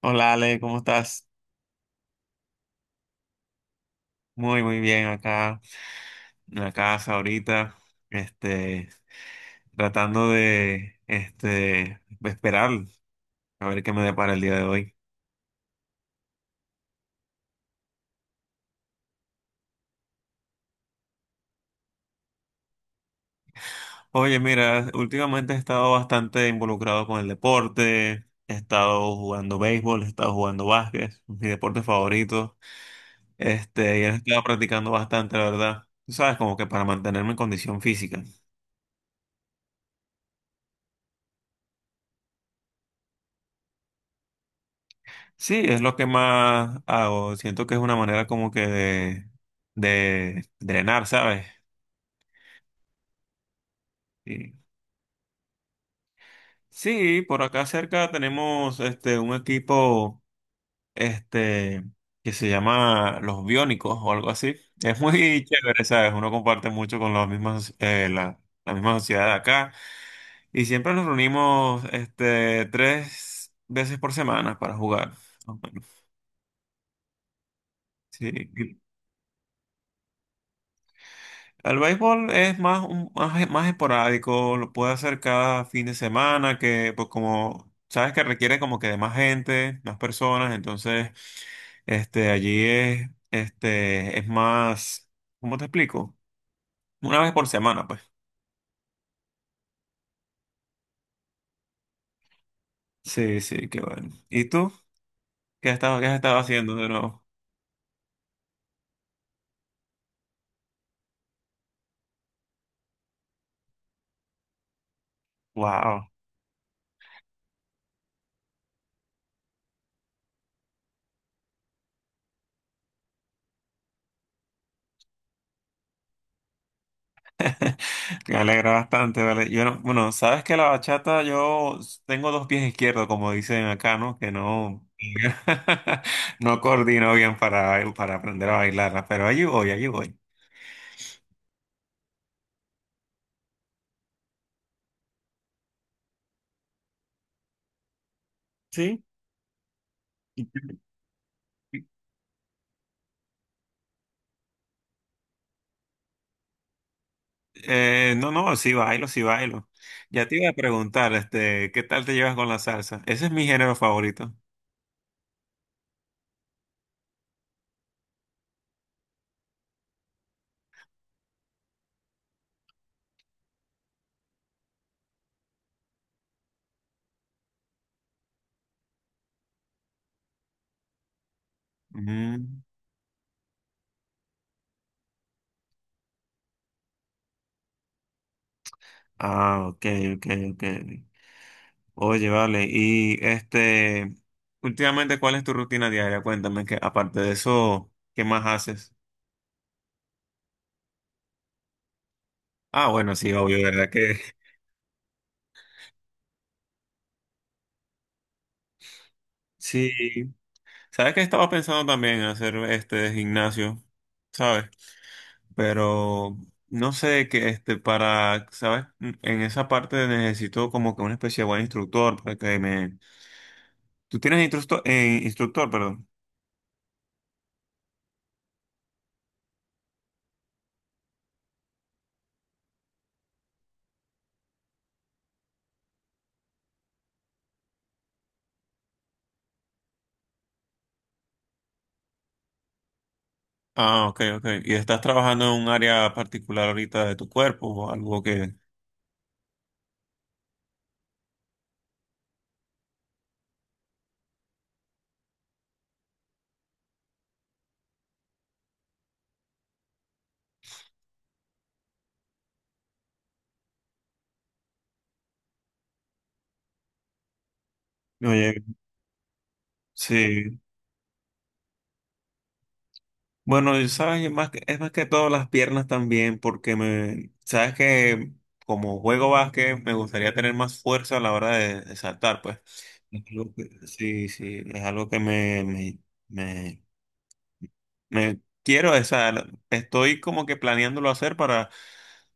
Hola Ale, ¿cómo estás? Muy, muy bien acá en la casa ahorita, este, tratando de, esperar a ver qué me depara el día de hoy. Oye, mira, últimamente he estado bastante involucrado con el deporte, he estado jugando béisbol, he estado jugando básquet, mi deporte favorito, y he estado practicando bastante, la verdad. Tú sabes, como que para mantenerme en condición física. Sí, es lo que más hago. Siento que es una manera como que de drenar, ¿sabes? Sí. Sí, por acá cerca tenemos un equipo este que se llama Los Biónicos o algo así. Es muy chévere, ¿sabes? Uno comparte mucho con las mismas la misma sociedad de acá y siempre nos reunimos tres veces por semana para jugar, más o menos. Sí. El béisbol es más, más, más esporádico, lo puede hacer cada fin de semana, que pues como sabes que requiere como que de más gente, más personas, entonces allí es es más, ¿cómo te explico? Una vez por semana, pues. Sí, sí, qué bueno. ¿Y tú? Qué has estado haciendo de nuevo? Wow. Me alegra bastante, ¿vale? Yo no- Bueno, sabes que la bachata yo tengo dos pies izquierdos, como dicen acá, ¿no? Que no, no coordino bien para aprender a bailarla, pero allí voy, allí voy. Sí. Y- qué- no, no, sí bailo, sí bailo. Ya te iba a preguntar, ¿qué tal te llevas con la salsa? Ese es mi género favorito. Mm. Ah, ok, ok, ok. Oye, vale, y últimamente, ¿cuál es tu rutina diaria? Cuéntame que aparte de eso, ¿qué más haces? Ah, bueno, sí, obvio, ¿verdad que? Sí. ¿Sabes que estaba pensando también en hacer este gimnasio? ¿Sabes? Pero no sé que para, ¿sabes? En esa parte necesito como que una especie de buen instructor para que me. ¿Tú tienes instructor, instructor, perdón? Ah, ok, ok. ¿Y estás trabajando en un área particular ahorita de tu cuerpo o algo que? Oye, sí, bueno, y sabes, es más que todo las piernas también, porque me, sabes que como juego básquet me gustaría tener más fuerza a la hora de saltar, pues. Sí, sí, es algo que me, me quiero, o sea, estoy como que planeándolo hacer para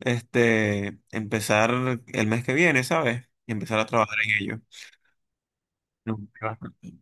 empezar el mes que viene, ¿sabes? Y empezar a trabajar en ello. No, qué bastante.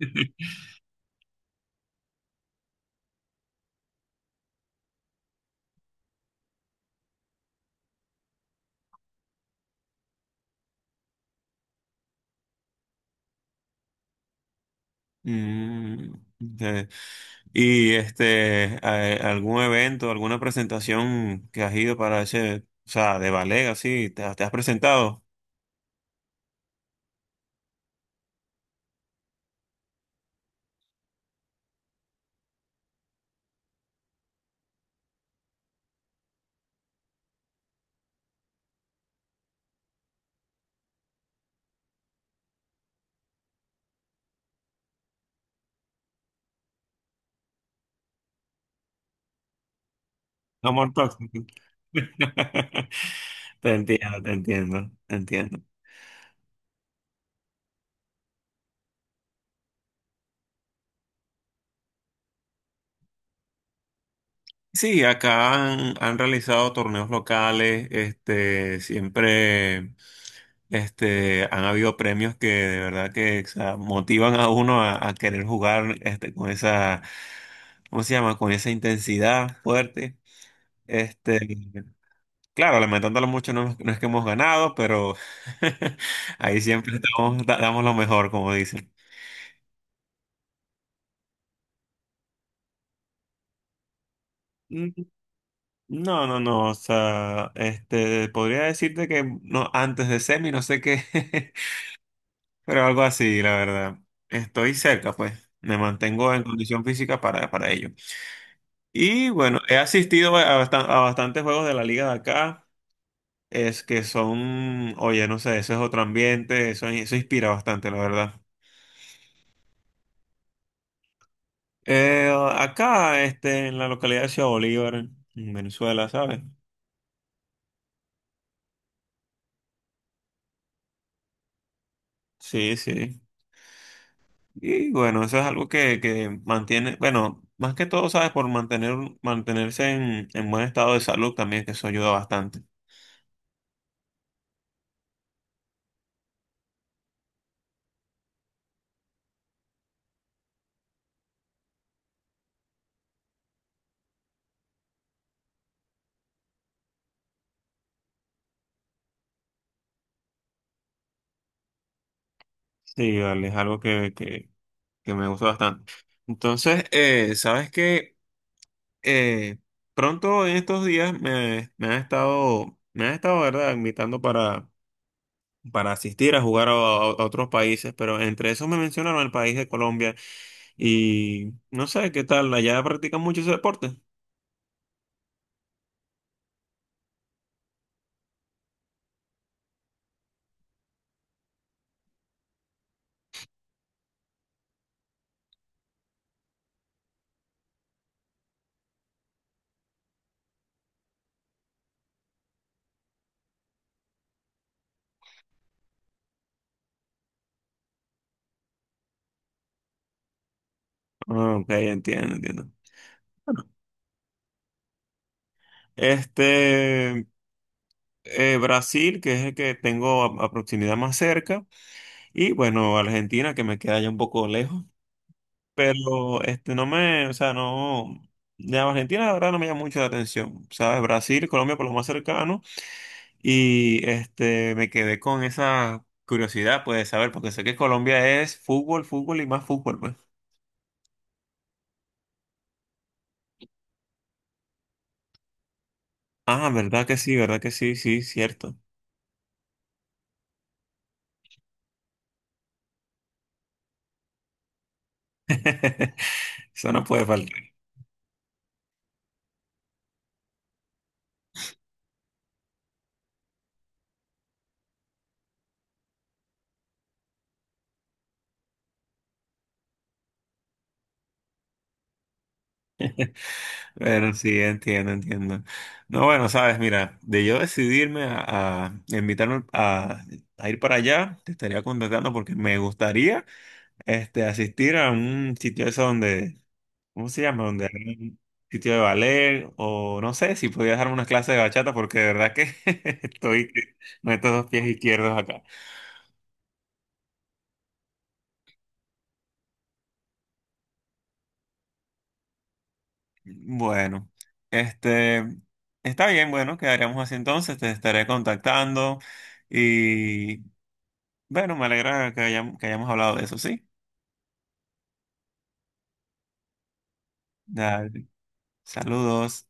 Mm, sí. ¿Y algún evento, alguna presentación que has ido para ese, o sea, de ballet, así, te has presentado? No more toxic. Te entiendo, te entiendo, te entiendo. Sí, acá han realizado torneos locales, siempre, han habido premios que de verdad que, o sea, motivan a uno a querer jugar, con esa, ¿cómo se llama? Con esa intensidad fuerte. Este, Claro, lamentándolo mucho, no, no es que hemos ganado, pero ahí siempre estamos, damos lo mejor, como dicen. Mm, no, no, no, o sea, podría decirte que no, antes de semi, no sé qué, pero algo así, la verdad. Estoy cerca, pues, me mantengo en condición física para ello. Y bueno, he asistido a, a bastantes juegos de la liga de acá, es que son, oye, no sé, eso es otro ambiente, eso inspira bastante, la verdad. Eh, acá, en la localidad de Ciudad Bolívar, en Venezuela, ¿sabes? Sí, sí. Y bueno, eso es algo que mantiene, bueno, más que todo, ¿sabes? Por mantener, mantenerse en buen estado de salud también, que eso ayuda bastante. Sí, vale, es algo que que me gusta bastante. Entonces, ¿sabes qué? Eh, pronto en estos días me han estado, ¿verdad? Invitando para asistir a jugar a otros países, pero entre esos me mencionaron el país de Colombia y no sé qué tal, allá practican mucho ese deporte. Ah, ok, entiendo, entiendo. Este, Brasil, que es el que tengo a proximidad más cerca, y bueno, Argentina, que me queda ya un poco lejos, pero no me, o sea, no, de Argentina la verdad no me llama mucho la atención, ¿sabes? Brasil, Colombia por lo más cercano. Y me quedé con esa curiosidad, pues, de saber, porque sé que Colombia es fútbol, fútbol y más fútbol, pues. Ah, verdad que sí, sí, cierto. Eso no puede faltar. Pero sí, entiendo, entiendo. No, bueno, sabes, mira, de yo decidirme a invitarme a ir para allá, te estaría contactando porque me gustaría asistir a un sitio eso donde ¿cómo se llama? Donde hay un sitio de ballet o no sé si podía darme unas clases de bachata porque de verdad que estoy con estos dos pies izquierdos acá. Bueno, este está bien, bueno, quedaríamos así entonces, te estaré contactando y bueno, me alegra que hayamos hablado de eso, ¿sí? Dale, saludos.